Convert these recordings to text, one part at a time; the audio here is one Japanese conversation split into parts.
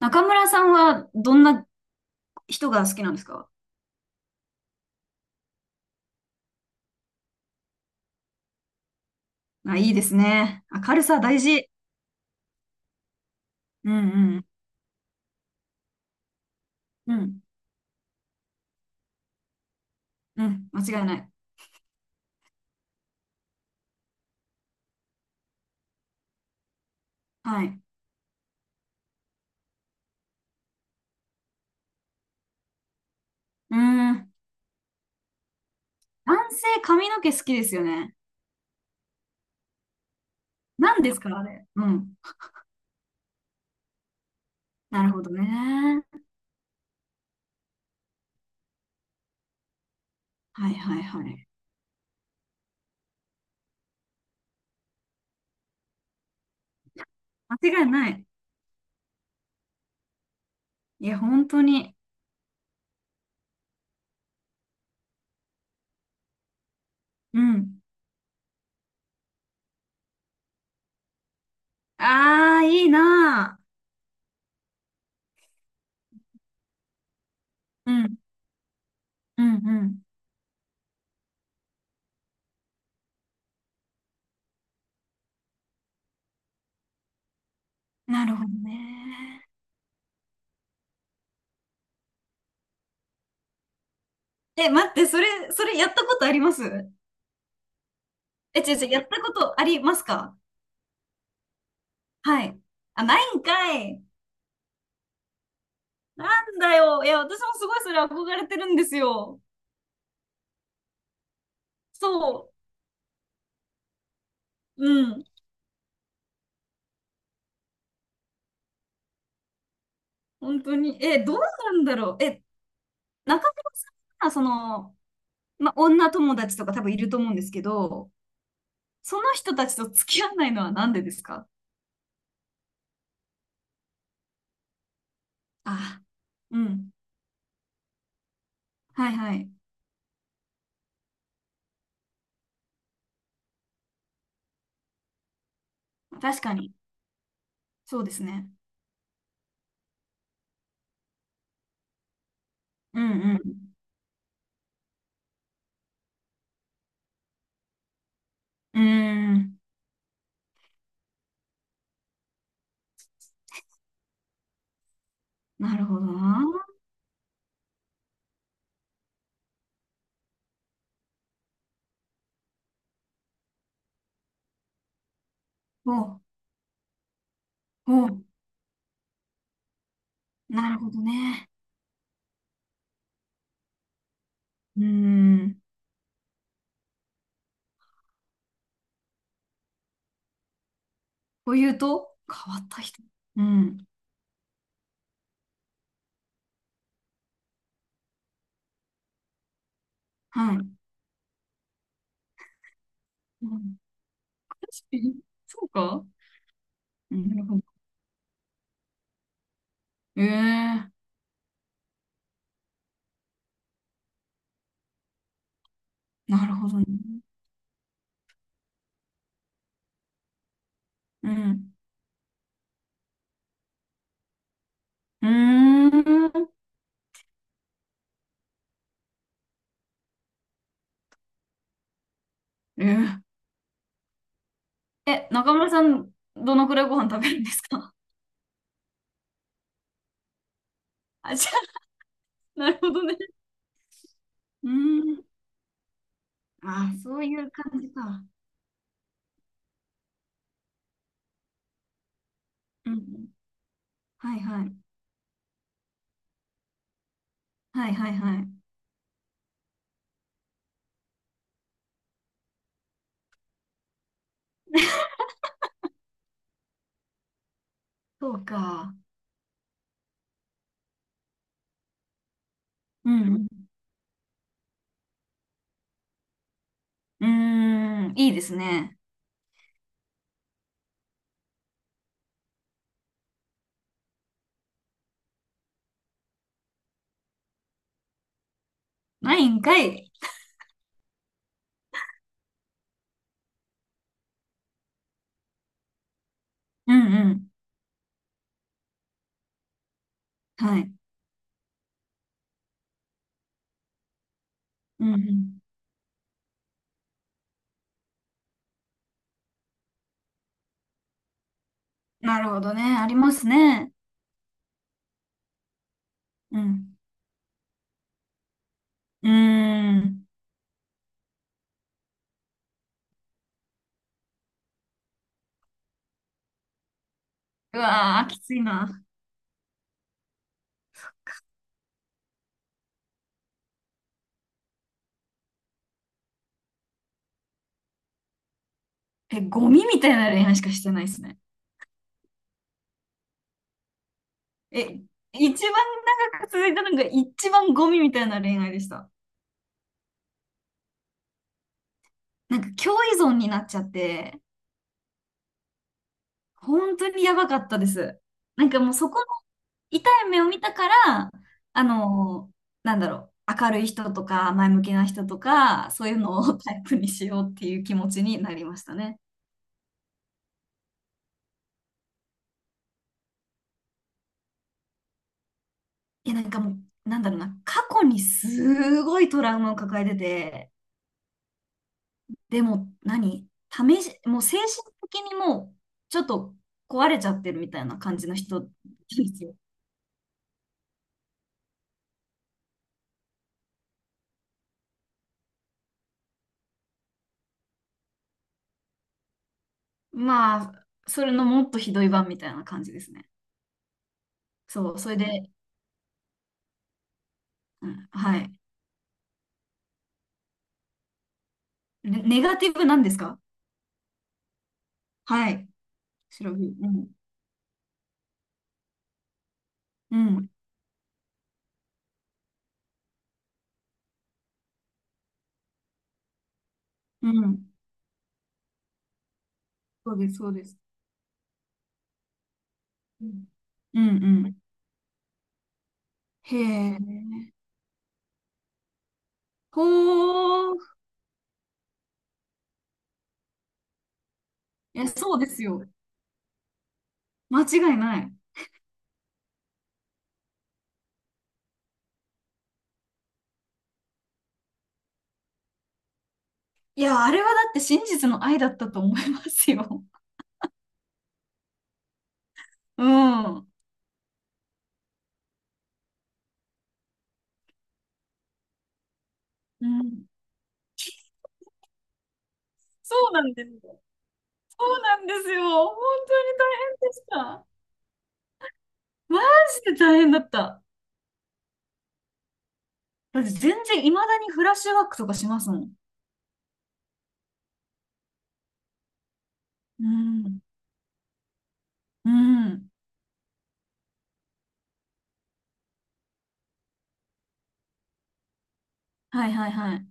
中村さんはどんな人が好きなんですか？あ、いいですね。明るさ大事。うんうん。うん。うん。間違いない。はい。うん。男性髪の毛好きですよね。何ですかあれ。うん。なるほどね。はいはいはい。間違いない。いや、本当に。うん。ああ、いいなあ。うん。うんうん。なるほどね。え、待って、それ、それやったことあります？え、違う違う、やったことありますか？はい。あ、ないんかい。なんだよ。いや、私もすごいそれ憧れてるんですよ。そう。うん。本当に。え、どうなんだろう。え、中村さんは、その、ま、女友達とか多分いると思うんですけど、その人たちと付き合わないのはなんでですか？あ、うん。はいはい。確かに。そうですね。うんうん。うーん。なるほどな。お、お、なるほどね。うーん。というと、変わった人。うん。はい。うん、確かにそうか。うん、なるほど。ええ、なるほどね。うん。うーん。ええ、え、中村さん、どのくらいご飯食べるんですか？ あ、じゃあ、なるほどね。うーん。あ、そういう感じか。うん。はいはい。はいはいはい。そうか。うん。うん。うーん、いいですね。ないんかい。うんうん。はい。うんうん。なるほどね。ありますね。うん。うーん。うわー、きついな。え、ゴミみたいな恋愛しかしてないですね。え、一番長く続いたのが一番ゴミみたいな恋愛でした。なんか、共依存になっちゃって、本当にやばかったです。なんかもうそこの痛い目を見たから、あの、なんだろう、明るい人とか、前向きな人とか、そういうのをタイプにしようっていう気持ちになりましたね。いや、なんかもう、なんだろうな、過去にすごいトラウマを抱えてて、でも何、試し、もう精神的にもうちょっと壊れちゃってるみたいな感じの人ですよ。まあ、それのもっとひどい版みたいな感じですね。そう、それで、うん、はい。ネ、ネガティブなんですか？はい。白ビうん。うん。うん。そうです、そうです。うん。うん、うん。へえ。ほー。いや、そうですよ。間違いない。いや、あれはだって真実の愛だったと思いますよ。うん。うん、そうなんですよ。そうなんですよ。本当に大変でした。マジで大変だった。だって全然、未だにフラッシュバックとかしますもん。うん。うん。はいはいはい。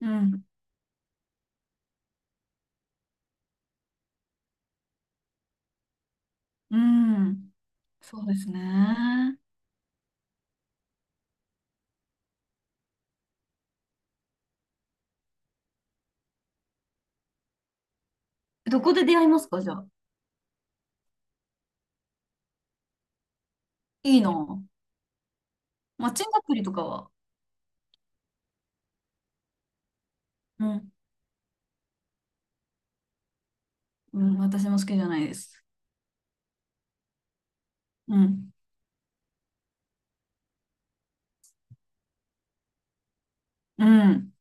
うん。うん。そうですね。どこで出会いますかじゃあ。いいな。マッチングアプリとかは。うん。うん。私も好きじゃないです。うん。うん。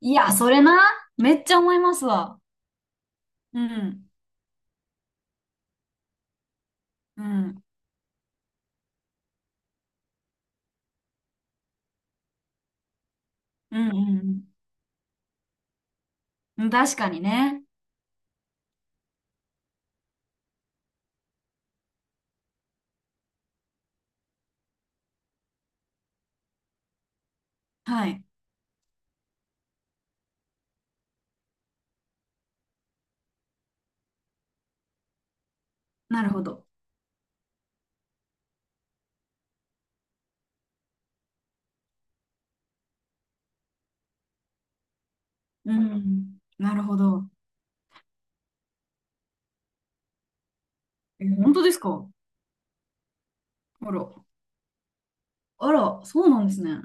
いや、それな。めっちゃ思いますわ。うん。うん。うんうんうん。確かにね。はい。なるほど。うん。なるほど。え、本当ですか？あら。あら、そうなんですね。